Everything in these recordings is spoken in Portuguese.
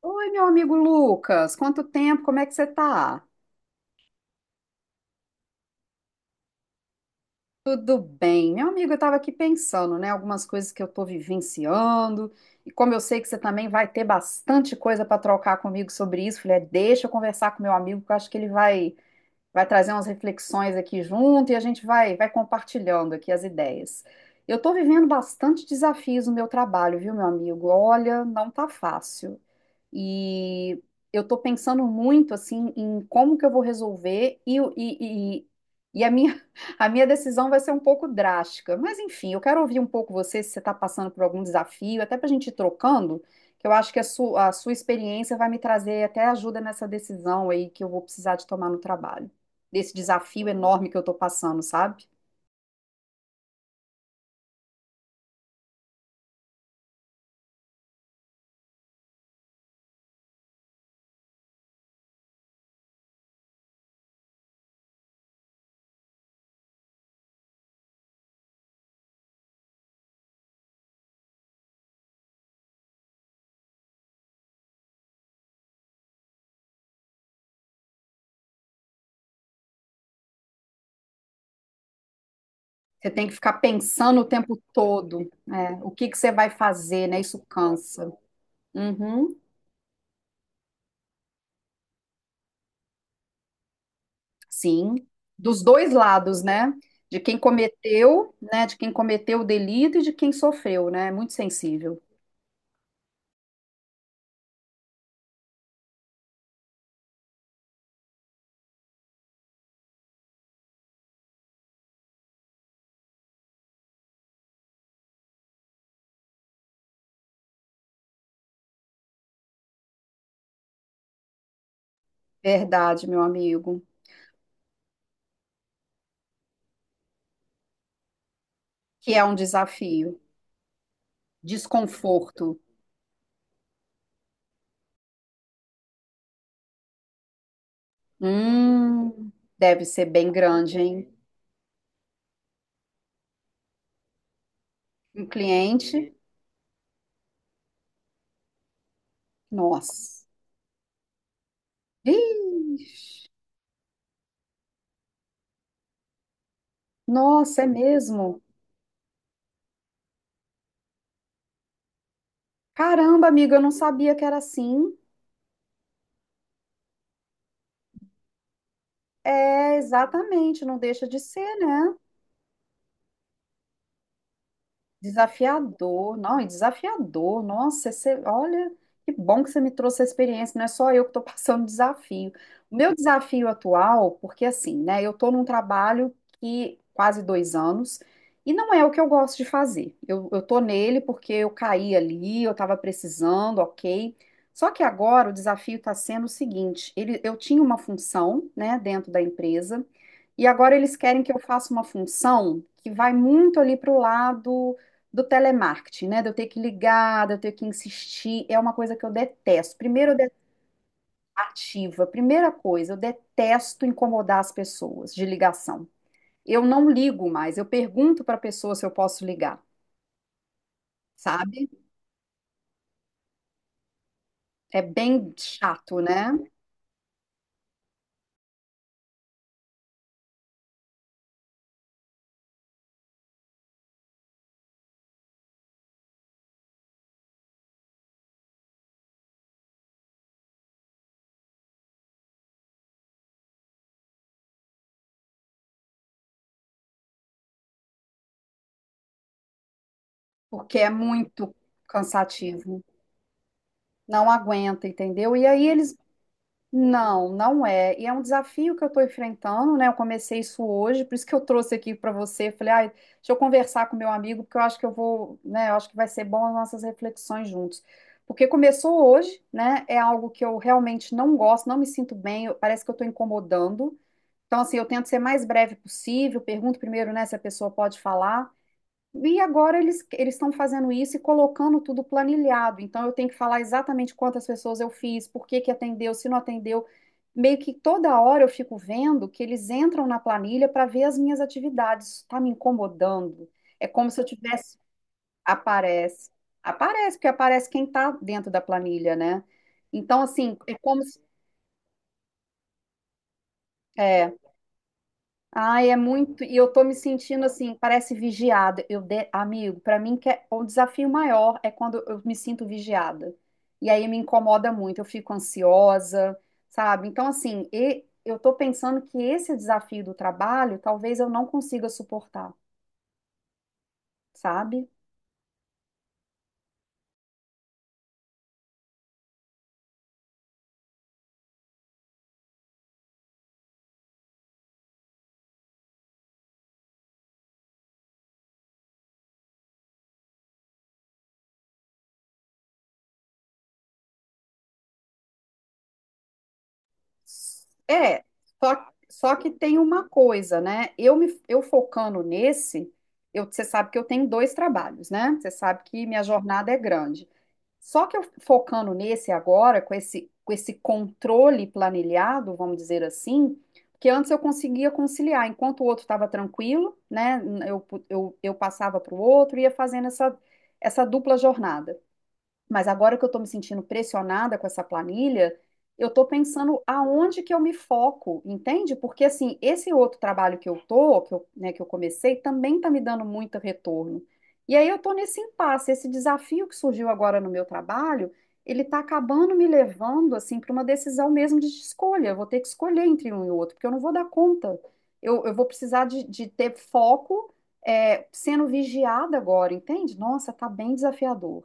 Oi, meu amigo Lucas, quanto tempo, como é que você tá? Tudo bem, meu amigo, eu estava aqui pensando, né, algumas coisas que eu estou vivenciando, e como eu sei que você também vai ter bastante coisa para trocar comigo sobre isso, falei, é, deixa eu conversar com meu amigo, que eu acho que ele vai, vai trazer umas reflexões aqui junto e a gente vai, vai compartilhando aqui as ideias. Eu estou vivendo bastante desafios no meu trabalho, viu, meu amigo? Olha, não tá fácil. E eu estou pensando muito assim em como que eu vou resolver e a minha, a minha decisão vai ser um pouco drástica. Mas enfim, eu quero ouvir um pouco você se você está passando por algum desafio, até para a gente ir trocando, que eu acho que a sua experiência vai me trazer até ajuda nessa decisão aí que eu vou precisar de tomar no trabalho. Desse desafio enorme que eu estou passando, sabe? Você tem que ficar pensando o tempo todo, né? O que que você vai fazer, né? Isso cansa. Uhum. Sim, dos dois lados, né? De quem cometeu, né? De quem cometeu o delito e de quem sofreu, né? É muito sensível. Verdade, meu amigo. Que é um desafio. Desconforto. Hum, deve ser bem grande, hein? Um cliente, nossa. Vixe, nossa, é mesmo? Caramba, amiga, eu não sabia que era assim. É, exatamente, não deixa de ser, né? Desafiador, não, e desafiador. Nossa, você, olha, que bom que você me trouxe a experiência. Não é só eu que estou passando desafio. O meu desafio atual, porque assim, né, eu estou num trabalho que quase 2 anos e não é o que eu gosto de fazer. Eu estou nele porque eu caí ali, eu estava precisando, ok. Só que agora o desafio está sendo o seguinte: ele, eu tinha uma função, né, dentro da empresa e agora eles querem que eu faça uma função que vai muito ali para o lado do telemarketing, né? De eu ter que ligar, de eu ter que insistir, é uma coisa que eu detesto. Primeiro, eu detesto ativa. Primeira coisa, eu detesto incomodar as pessoas de ligação. Eu não ligo mais, eu pergunto para a pessoa se eu posso ligar, sabe? É bem chato, né? Porque é muito cansativo. Não aguenta, entendeu? E aí eles. Não, não é. E é um desafio que eu estou enfrentando, né? Eu comecei isso hoje, por isso que eu trouxe aqui para você. Falei, ai, deixa eu conversar com meu amigo, porque eu acho que eu vou, né? Eu acho que vai ser bom as nossas reflexões juntos. Porque começou hoje, né? É algo que eu realmente não gosto, não me sinto bem, eu- parece que eu estou incomodando. Então, assim, eu tento ser mais breve possível, pergunto primeiro, né, se a pessoa pode falar. E agora eles estão fazendo isso e colocando tudo planilhado. Então eu tenho que falar exatamente quantas pessoas eu fiz, por que que atendeu, se não atendeu. Meio que toda hora eu fico vendo que eles entram na planilha para ver as minhas atividades. Isso está me incomodando. É como se eu tivesse. Aparece. Aparece, porque aparece quem está dentro da planilha, né? Então, assim, é como se. É, Ai, é muito. E eu tô me sentindo assim, parece vigiada. Eu de- Amigo, pra mim que é o desafio maior é quando eu me sinto vigiada. E aí me incomoda muito, eu fico ansiosa, sabe? Então, assim, e- eu tô pensando que esse desafio do trabalho talvez eu não consiga suportar, sabe? É, só que tem uma coisa, né? Eu me eu focando nesse, eu, você sabe que eu tenho dois trabalhos, né? Você sabe que minha jornada é grande. Só que eu focando nesse agora, com esse controle planilhado, vamos dizer assim, que antes eu conseguia conciliar, enquanto o outro estava tranquilo, né? Eu passava para o outro e ia fazendo essa dupla jornada. Mas agora que eu estou me sentindo pressionada com essa planilha, eu estou pensando aonde que eu me foco, entende? Porque assim, esse outro trabalho que eu tô, que eu, né, que eu comecei, também está me dando muito retorno. E aí eu estou nesse impasse, esse desafio que surgiu agora no meu trabalho, ele está acabando me levando assim para uma decisão mesmo de escolha. Eu vou ter que escolher entre um e outro, porque eu não vou dar conta. Eu vou precisar de ter foco, é, sendo vigiada agora, entende? Nossa, tá bem desafiador.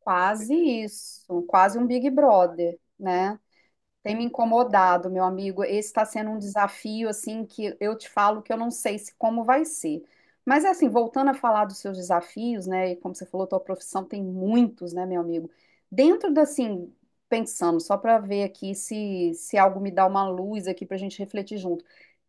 Quase isso, quase um Big Brother, né? Tem me incomodado, meu amigo. Esse está sendo um desafio, assim, que eu te falo que eu não sei se como vai ser. Mas, assim, voltando a falar dos seus desafios, né? E como você falou, tua profissão tem muitos, né, meu amigo? Dentro da, assim, pensando, só para ver aqui se, se algo me dá uma luz aqui para a gente refletir junto.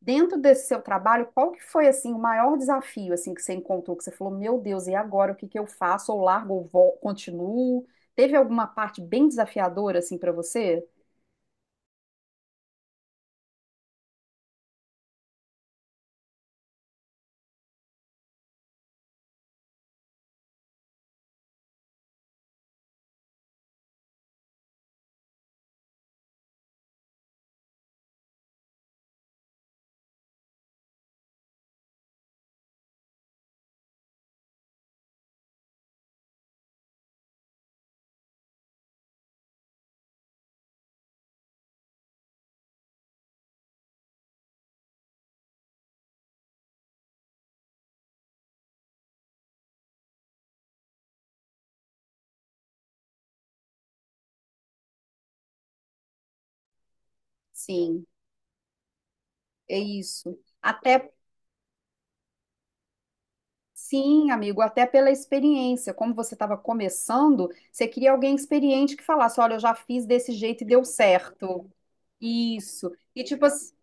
Dentro desse seu trabalho, qual que foi assim o maior desafio assim que você encontrou que você falou, meu Deus, e agora o que que eu faço? Ou largo ou vol- continuo? Teve alguma parte bem desafiadora assim para você? Sim, é isso. Até sim, amigo, até pela experiência, como você estava começando, você queria alguém experiente que falasse, olha, eu já fiz desse jeito e deu certo. Isso. E tipo assim,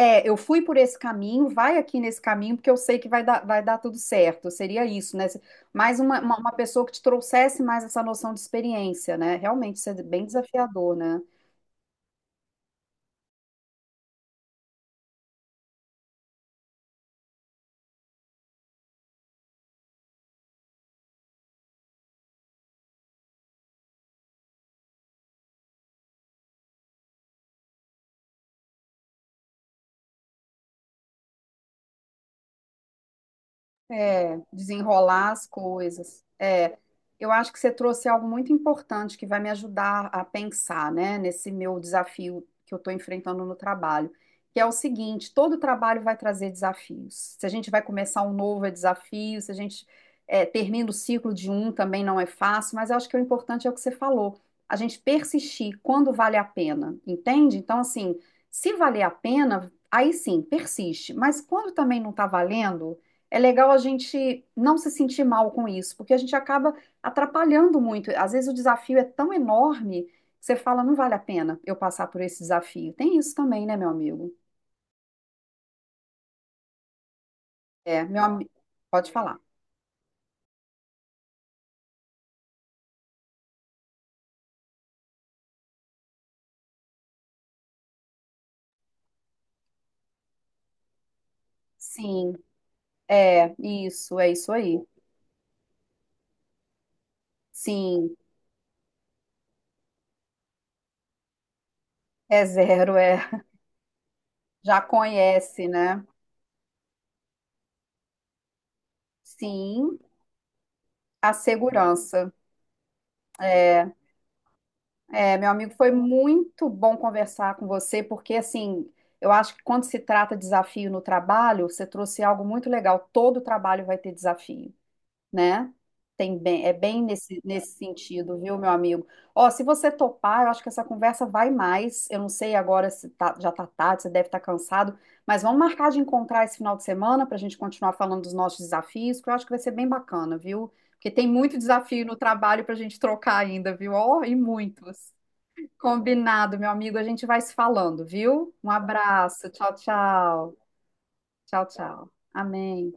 é, eu fui por esse caminho, vai aqui nesse caminho, porque eu sei que vai dar tudo certo. Seria isso, né? Mais uma pessoa que te trouxesse mais essa noção de experiência, né? Realmente, isso é bem desafiador, né? É, desenrolar as coisas. É, eu acho que você trouxe algo muito importante que vai me ajudar a pensar, né, nesse meu desafio que eu estou enfrentando no trabalho, que é o seguinte: todo trabalho vai trazer desafios. Se a gente vai começar um novo, é desafio, se a gente é, termina o ciclo de um, também não é fácil, mas eu acho que o importante é o que você falou, a gente persistir quando vale a pena, entende? Então, assim, se valer a pena, aí sim, persiste, mas quando também não está valendo é legal a gente não se sentir mal com isso, porque a gente acaba atrapalhando muito. Às vezes o desafio é tão enorme que você fala, não vale a pena eu passar por esse desafio. Tem isso também, né, meu amigo? É, meu amigo, pode falar. Sim, é isso aí. Sim, é zero, é. Já conhece, né? Sim, a segurança. É, é, meu amigo, foi muito bom conversar com você, porque assim, eu acho que quando se trata de desafio no trabalho, você trouxe algo muito legal. Todo trabalho vai ter desafio, né? Tem bem, é bem nesse, nesse sentido, viu, meu amigo? Ó, se você topar, eu acho que essa conversa vai mais. Eu não sei agora se tá- já tá tarde, você deve estar cansado, mas vamos marcar de encontrar esse final de semana para a gente continuar falando dos nossos desafios, que eu acho que vai ser bem bacana, viu? Porque tem muito desafio no trabalho para a gente trocar ainda, viu? Ó, e muitos. Combinado, meu amigo. A gente vai se falando, viu? Um abraço. Tchau, tchau. Tchau, tchau. Amém.